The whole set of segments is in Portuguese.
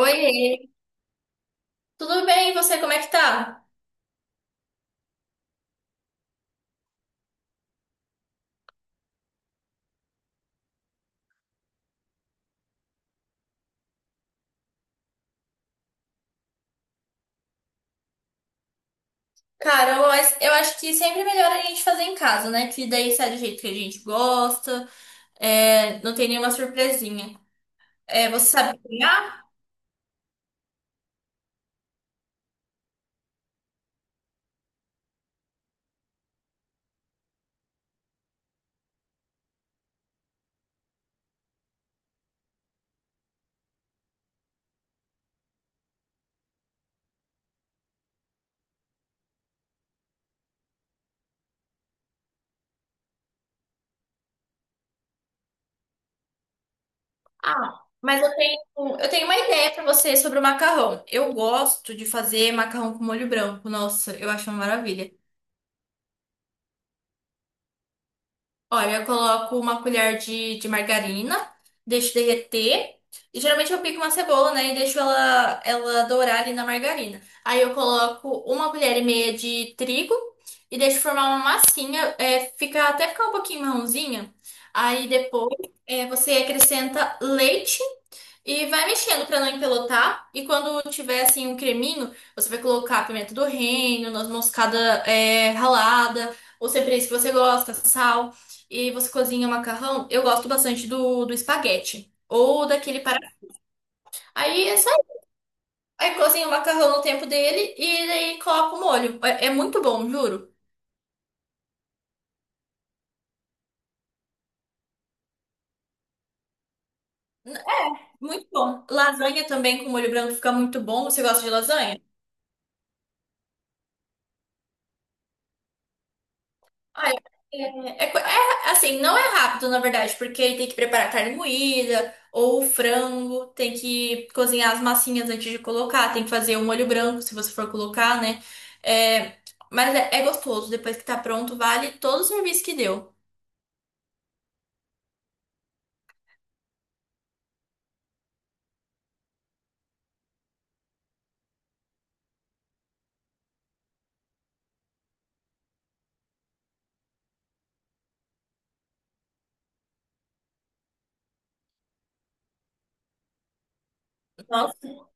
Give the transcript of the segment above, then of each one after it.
Oiê, tudo bem? E você, como é que tá? Cara, eu acho que sempre é melhor a gente fazer em casa, né? Que daí sai do jeito que a gente gosta, não tem nenhuma surpresinha. É, você sabe cozinhar? Ah, eu tenho uma ideia pra você sobre o macarrão. Eu gosto de fazer macarrão com molho branco. Nossa, eu acho uma maravilha. Olha, eu coloco uma colher de margarina, deixo derreter. E geralmente eu pico uma cebola, né? E deixo ela dourar ali na margarina. Aí eu coloco uma colher e meia de trigo e deixo formar uma massinha, fica, até ficar um pouquinho marronzinha. Aí depois você acrescenta leite. E vai mexendo pra não empelotar. E quando tiver assim um creminho, você vai colocar pimenta do reino, noz moscada ralada, ou cebola se você gosta, sal. E você cozinha o macarrão. Eu gosto bastante do espaguete. Ou daquele para. Aí é só isso. Aí cozinha o macarrão no tempo dele e daí coloca o molho. É muito bom, juro. Muito bom. Lasanha também com molho branco fica muito bom. Você gosta de lasanha? Ah, assim, não é rápido, na verdade, porque ele tem que preparar a carne moída ou o frango, tem que cozinhar as massinhas antes de colocar, tem que fazer um molho branco, se você for colocar, né? É, mas é gostoso, depois que tá pronto, vale todo o serviço que deu. Nossa.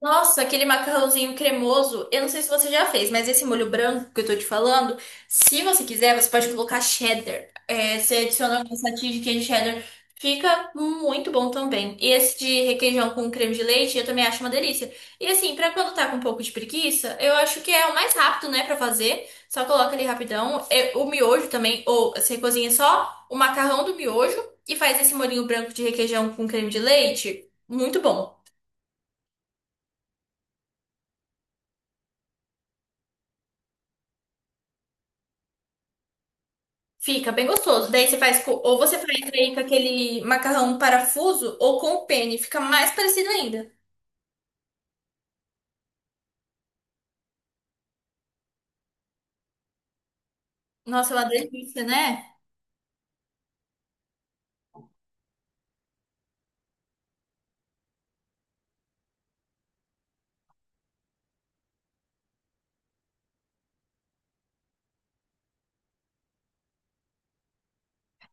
Nossa, aquele macarrãozinho cremoso. Eu não sei se você já fez, mas esse molho branco que eu tô te falando, se você quiser, você pode colocar cheddar. É, você adiciona algumas fatias de queijo cheddar. Fica muito bom também. E esse de requeijão com creme de leite, eu também acho uma delícia. E assim, pra quando tá com um pouco de preguiça, eu acho que é o mais rápido, né, pra fazer. Só coloca ali rapidão. É, o miojo também, ou você cozinha só o macarrão do miojo e faz esse molhinho branco de requeijão com creme de leite. Muito bom. Fica bem gostoso. Daí você faz com, ou você faz aí com aquele macarrão parafuso ou com o penne, fica mais parecido ainda. Nossa, é uma delícia, né?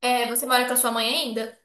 É, você mora com a sua mãe ainda?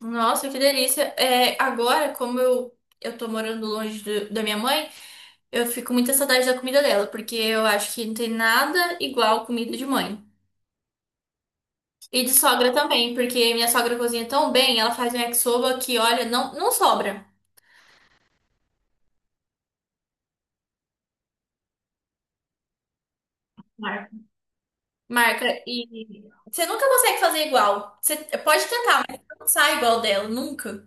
Nossa, que delícia. É, agora, como eu tô morando longe do- da minha mãe, eu fico com muita saudade da comida dela, porque eu acho que não tem nada igual comida de mãe. E de sogra também, porque minha sogra cozinha tão bem, ela faz um yakisoba que, olha, não sobra. Marca e você nunca consegue fazer igual. Você pode tentar, mas não sai igual dela, nunca.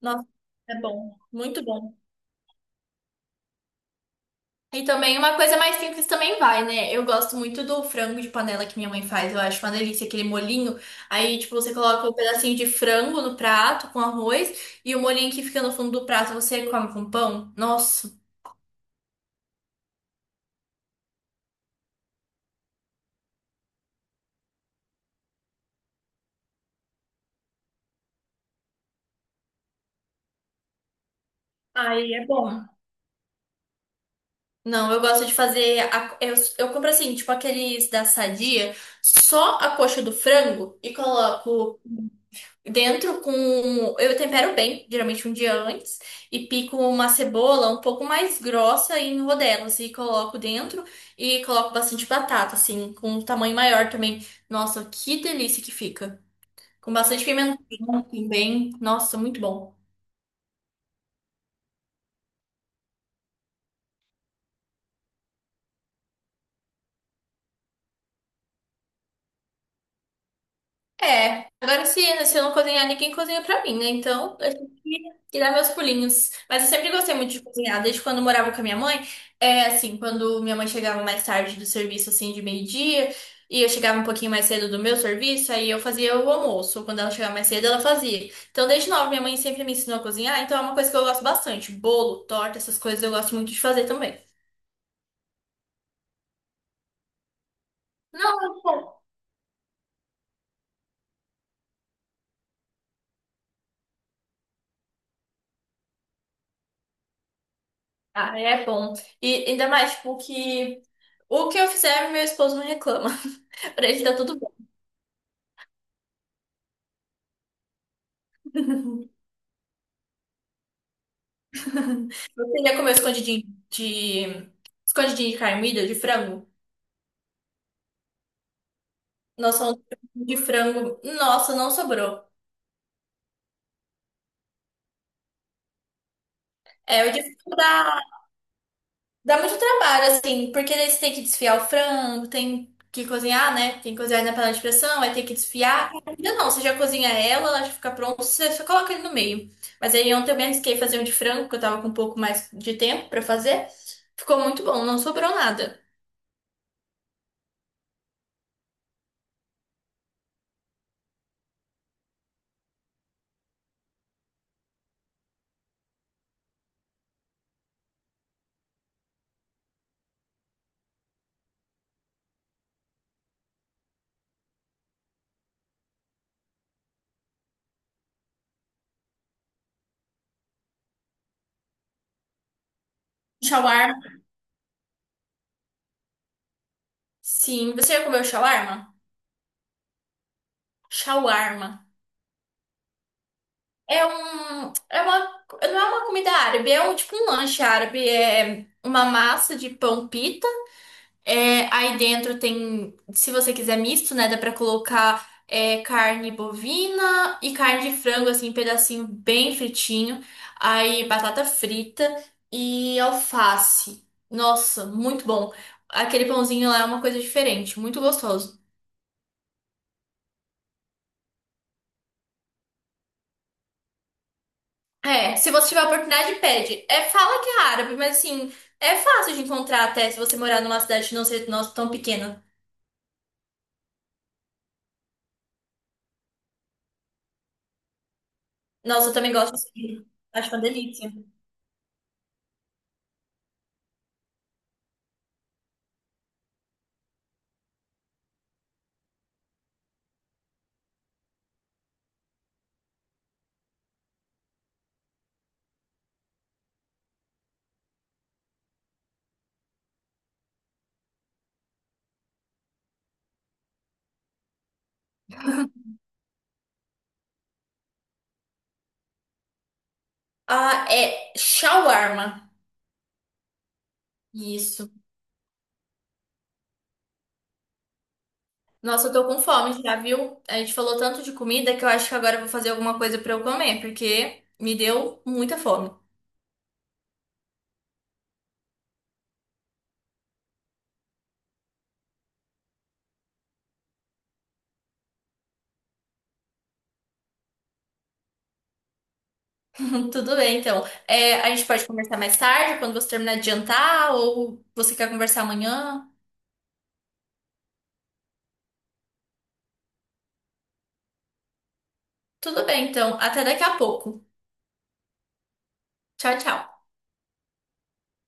Nossa, é bom, muito bom. E também uma coisa mais simples também vai, né? Eu gosto muito do frango de panela que minha mãe faz. Eu acho uma delícia aquele molinho. Aí, tipo, você coloca um pedacinho de frango no prato com arroz e o molinho que fica no fundo do prato você come com pão. Nossa. Aí é bom. Não, eu gosto de fazer. Eu compro assim, tipo aqueles da Sadia, só a coxa do frango e coloco dentro com. Eu tempero bem, geralmente um dia antes, e pico uma cebola um pouco mais grossa em rodelas e coloco dentro e coloco bastante batata, assim, com um tamanho maior também. Nossa, que delícia que fica! Com bastante pimentão também. Nossa, muito bom. É, agora se, se eu não cozinhar, ninguém cozinha pra mim, né? Então, eu tenho que dar meus pulinhos. Mas eu sempre gostei muito de cozinhar, desde quando eu morava com a minha mãe. É assim, quando minha mãe chegava mais tarde do serviço, assim, de meio-dia, e eu chegava um pouquinho mais cedo do meu serviço, aí eu fazia o almoço. Quando ela chegava mais cedo, ela fazia. Então, desde nova, minha mãe sempre me ensinou a cozinhar, então é uma coisa que eu gosto bastante. Bolo, torta, essas coisas eu gosto muito de fazer também. Não, é bom. Ah, é bom. E ainda mais, tipo, que o que eu fizer, meu esposo não reclama. Pra ele tá tudo bom. Você já comeu escondidinho de... Escondidinho de carmilha, de frango? Nossa, falando de frango... Nossa, não sobrou. É, o de frango dá muito trabalho, assim, porque daí você tem que desfiar o frango, tem que cozinhar, né? Tem que cozinhar na panela de pressão, aí tem que desfiar. Ainda não, você já cozinha ela já fica pronta, você só coloca ele no meio. Mas aí ontem eu me arrisquei a fazer um de frango, que eu tava com um pouco mais de tempo pra fazer. Ficou muito bom, não sobrou nada. Shawarma. Sim, você já comeu shawarma? Shawarma. É um, é uma, não é uma comida árabe, é um tipo um lanche árabe, é uma massa de pão pita. É, aí dentro tem, se você quiser misto, né, dá pra colocar carne bovina e carne de frango assim, pedacinho bem fritinho. Aí batata frita e alface. Nossa, muito bom. Aquele pãozinho lá é uma coisa diferente, muito gostoso. É, se você tiver oportunidade, pede. É, fala que é árabe, mas assim, é fácil de encontrar até se você morar numa cidade que não seja nossa, tão pequena. Nossa, eu também gosto de. Acho uma delícia. Ah, é shawarma. Isso. Nossa, eu tô com fome já, viu? A gente falou tanto de comida que eu acho que agora eu vou fazer alguma coisa pra eu comer, porque me deu muita fome. Tudo bem, então. É, a gente pode conversar mais tarde, quando você terminar de jantar, ou você quer conversar amanhã. Tudo bem, então. Até daqui a pouco. Tchau, tchau.